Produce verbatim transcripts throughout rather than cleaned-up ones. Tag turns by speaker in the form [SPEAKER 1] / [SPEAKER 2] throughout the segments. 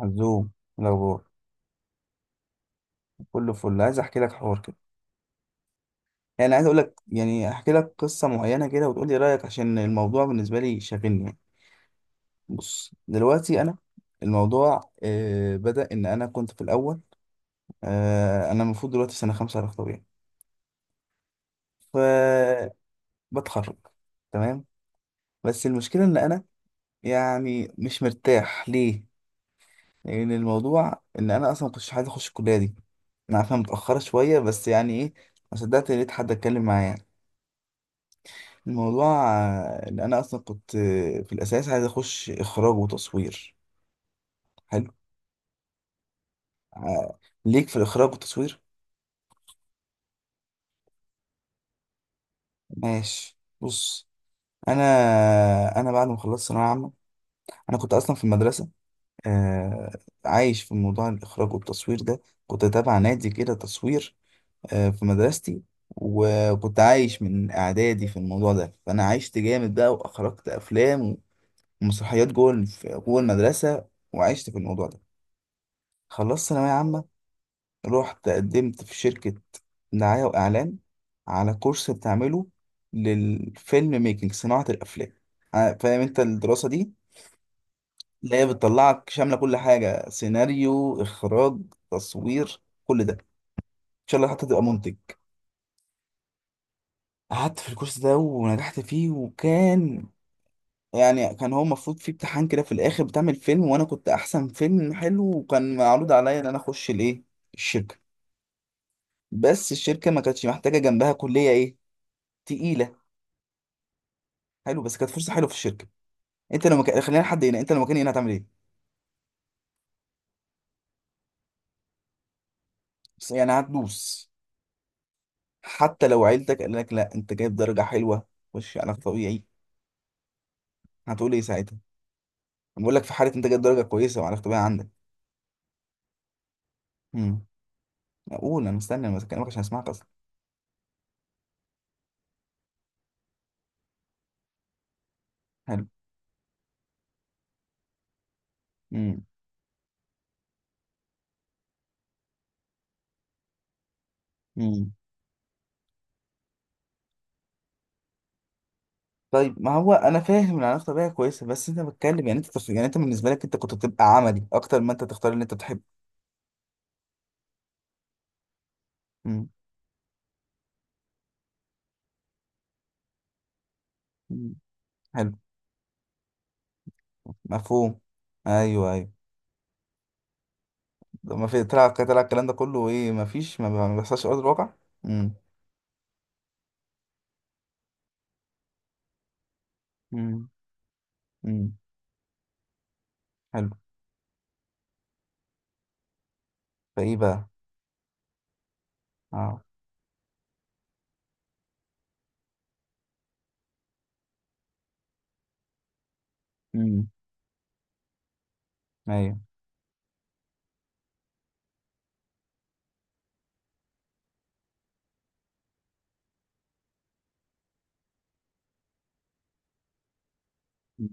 [SPEAKER 1] عزوم، لو كله فل. عايز احكي لك حوار كده. يعني عايز اقول لك، يعني احكي لك قصه معينه كده وتقول لي رايك، عشان الموضوع بالنسبه لي شاغلني يعني. بص دلوقتي انا الموضوع آه بدا ان انا كنت في الاول. آه انا المفروض دلوقتي في سنه خمسه علاج طبيعي، فبتخرج. تمام. بس المشكله ان انا يعني مش مرتاح ليه، لان الموضوع ان انا اصلا ما كنتش عايز اخش الكليه دي. انا عارفها متاخره شويه بس يعني ايه، ما صدقت لقيت حد اتكلم معايا. الموضوع آه، ان انا اصلا كنت آه، في الاساس عايز اخش اخراج وتصوير. حلو. آه، ليك في الاخراج والتصوير. ماشي بص. انا انا بعد ما خلصت ثانويه عامه، انا كنت اصلا في المدرسه، آه، عايش في موضوع الاخراج والتصوير ده. كنت تابع نادي كده تصوير آه، في مدرستي. وكنت عايش من اعدادي في الموضوع ده، فانا عشت جامد بقى واخرجت افلام ومسرحيات جوه الف- جوه المدرسه، وعشت في الموضوع ده. خلصت ثانويه عامه، رحت قدمت في شركة دعاية وإعلان على كورس بتعمله للفيلم ميكنج، صناعة الأفلام. ع- فاهم أنت الدراسة دي اللي هي بتطلعك شاملة كل حاجة، سيناريو، إخراج، تصوير، كل ده إن شاء الله حتى تبقى منتج. قعدت في الكورس ده ونجحت فيه، وكان يعني كان هو المفروض فيه امتحان كده في الآخر بتعمل فيلم، وأنا كنت أحسن فيلم حلو، وكان معروض عليا إن أنا أخش الإيه، الشركة. بس الشركة ما كانتش محتاجة جنبها كلية إيه، تقيلة. حلو، بس كانت فرصه حلوه في الشركه. انت لو مكان خلينا حد هنا انت لو مكاني هنا هتعمل ايه؟ بس يعني هتدوس؟ حتى لو عيلتك قال لك لا، انت جايب درجه حلوه، خش علاج طبيعي، هتقول ايه ساعتها؟ أنا بقول لك، في حاله انت جايب درجه كويسه وعلاج طبيعي عندك. امم. اقول، انا مستني، انا بكلمك عشان اسمعك اصلا. حلو. امم. امم. طيب ما هو انا فاهم ان العلاج الطبيعي كويسه، بس انت بتكلم يعني انت تف... يعني انت بالنسبه لك انت كنت بتبقى عملي اكتر ما انت تختار اللي انت بتحبه. امم. أمم. حلو. مفهوم. ايوه، ايوه. ما في طلع، طلع الكلام ده كله ايه، ما فيش، ما ما بيحصلش في ارض الواقع. امم. مم. امم. حلو. فايه بقى؟ اه. امم. ايوه. مم.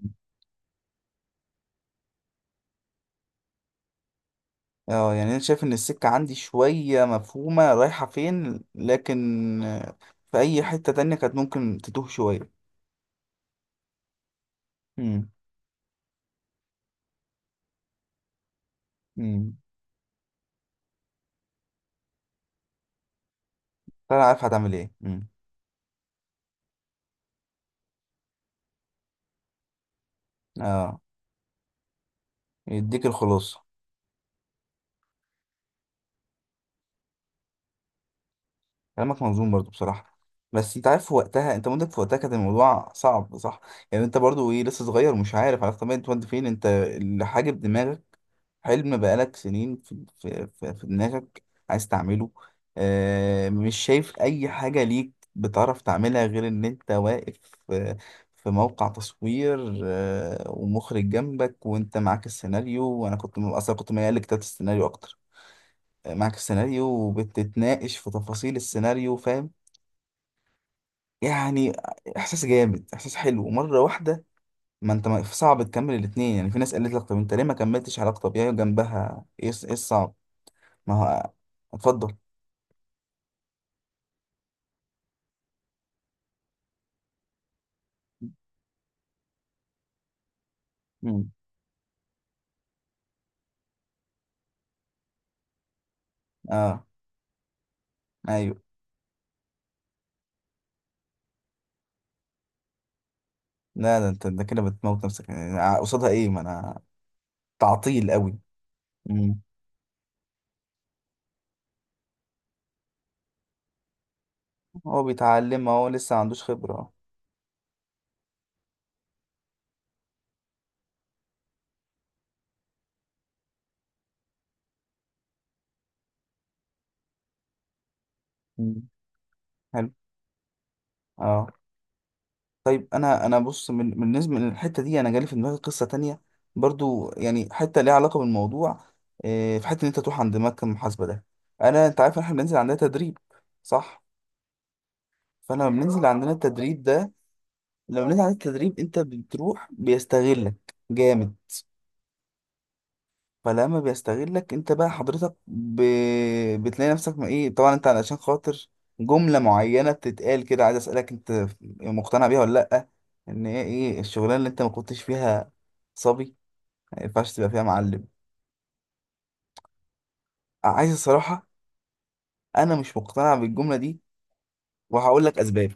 [SPEAKER 1] اه يعني انا شايف ان السكه عندي شويه مفهومه رايحه فين، لكن آه، في اي حته تانية كانت ممكن تتوه شويه. امم. امم. فانا عارف هتعمل ايه. امم. اه. يديك الخلاصه. كلامك منظوم برضو بصراحة. بس انت عارف في وقتها، انت مدرك في وقتها كان الموضوع صعب، صح؟ يعني انت برضو ايه، لسه صغير ومش عارف على طبيعة انت وانت فين، انت اللي حاجب دماغك. حلم بقالك سنين في في في, في دماغك، عايز تعمله. اه، مش شايف اي حاجة ليك بتعرف تعملها غير ان انت واقف في, في موقع تصوير، اه ومخرج جنبك وانت معاك السيناريو، وانا كنت اصلا كنت ميال لكتابة السيناريو اكتر. آه، معاك السيناريو وبتتناقش في تفاصيل السيناريو، فاهم. يعني احساس جامد، احساس حلو مره واحده. ما انت ما- صعب تكمل الاتنين. يعني في ناس قالت لك طب انت ليه ما كملتش علاقه طبيعيه جنبها، ايه الص- إيه الصعب؟ ما هو، اتفضل. مم. اه. ايوه. لا، ده انت ده كده بتموت نفسك يعني، ع- قصادها ايه، ما انا. تعطيل قوي. مم. هو بيتعلم، هو لسه ما عندوش خبره. مم. حلو. اه. طيب انا انا بص من من بالنسبه للحته دي، انا جالي في دماغي قصه تانية، برضو يعني حته ليها علاقه بالموضوع. إيه، في حته ان انت تروح عند مكتب المحاسبه ده. انا انت عارف إن احنا بننزل عندنا تدريب، صح؟ فانا لما بننزل عندنا التدريب ده، لما بننزل عندنا التدريب انت بتروح بيستغلك جامد. فلما بيستغلك انت بقى حضرتك ب... بتلاقي نفسك، ما ايه طبعا انت علشان خاطر جملة معينة بتتقال كده، عايز اسألك انت مقتنع بيها ولا لأ؟ ان هي ايه الشغلانة اللي انت ما كنتش فيها صبي ما ينفعش تبقى فيها معلم؟ عايز الصراحة؟ انا مش مقتنع بالجملة دي، وهقول لك اسباب.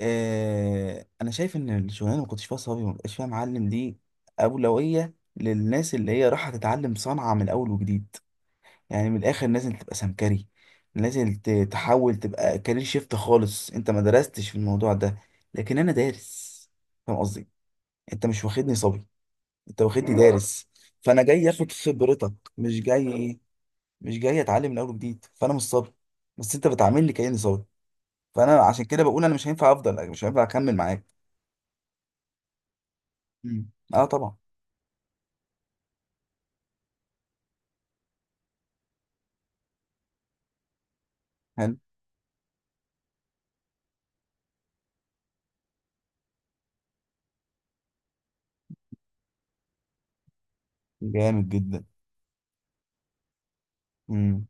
[SPEAKER 1] اه، انا شايف ان الشغلانة اللي ما كنتش فيها صبي وما بقاش فيها معلم دي، اولوية للناس اللي هي رايحة تتعلم صنعة من اول وجديد. يعني من الاخر لازم تبقى سمكري، لازم ت- تحاول تبقى كارير شيفت خالص، انت ما درستش في الموضوع ده، لكن انا دارس. فاهم قصدي؟ انت مش واخدني صبي، انت واخدني دارس. فانا جاي اخد خبرتك، مش جاي ايه، مش جاي اتعلم من اول وجديد، فانا مش صبي، بس انت بتعاملني كاني صبي. فانا عشان كده بقول انا مش هينفع افضل، مش هينفع اكمل معاك. مم. اه طبعا. حلو. جامد جدا. امم.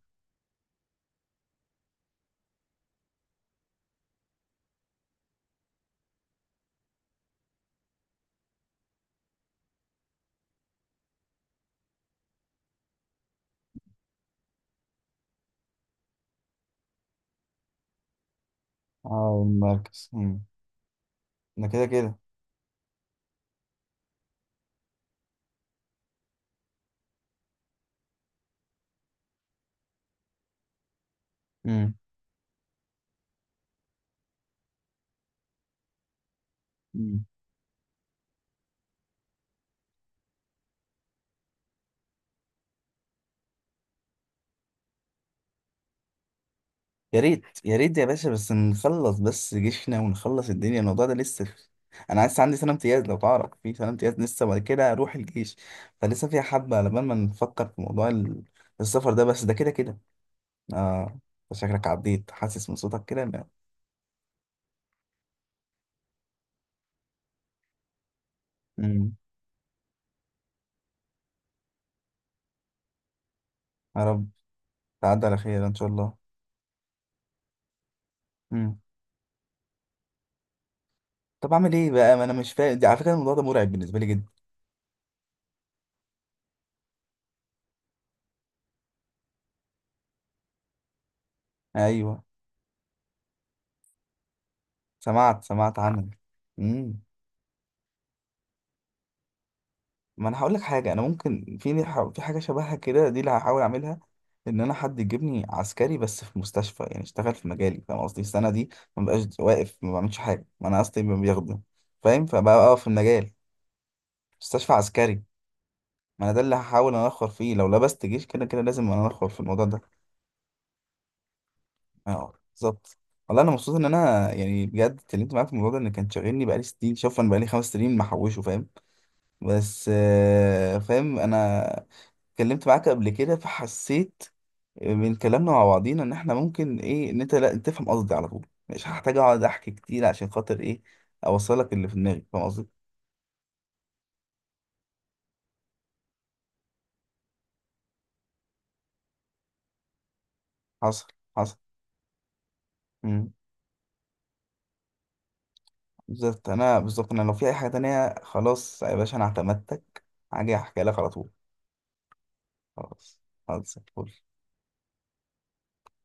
[SPEAKER 1] اه. المركز. امم. ده كده كده. امم. يا ريت يا ريت يا باشا، بس نخلص بس جيشنا ونخلص الدنيا. الموضوع ده لسه في... انا لسه عندي سنه امتياز، لو تعرف، في سنه امتياز لسه بعد كده اروح الجيش. فلسه فيها حبه على بال ما نفكر في موضوع ال- السفر ده، بس ده كده كده. اه، شكلك عديت، حاسس من صوتك كده إن- امم. يا رب، تعدي على خير ان شاء الله. امم. طب اعمل ايه بقى؟ ما انا مش فاهم، دي على فكره الموضوع ده مرعب بالنسبه لي جدا. ايوه، سمعت، سمعت عنه. امم. ما انا هقول لك حاجه، انا ممكن في، في حاجه شبهها كده دي اللي هحاول اعملها. ان انا حد يجيبني عسكري بس في مستشفى، يعني اشتغل في مجالي، فاهم قصدي؟ السنه دي ما بقاش واقف، ما بعملش حاجه، ما انا اصلي ما بيخدم، فاهم، فبقى اقف في المجال. مستشفى عسكري. ما انا ده اللي هحاول انخر فيه، لو لبست جيش كده كده لازم انا انخر في الموضوع ده. اه، بالظبط. والله انا مبسوط ان انا يعني بجد اتكلمت معاك في الموضوع ده، ان كان شاغلني بقالي سنين، شوف انا بقالي خمس سنين محوشه، فاهم. بس آه، فاهم انا، اتكلمت معاك قبل كده فحسيت من كلامنا مع بعضينا ان احنا ممكن ايه، ان انت لا تفهم قصدي على طول، مش هحتاج اقعد احكي كتير، عشان خاطر ايه، اوصلك اللي في دماغي، فاهم قصدي. حصل، حصل. امم. بالظبط انا، بالظبط انا لو في اي حاجه تانية، خلاص يا باشا انا اعتمدتك، هاجي احكي لك على طول. خلاص، خلاص فل.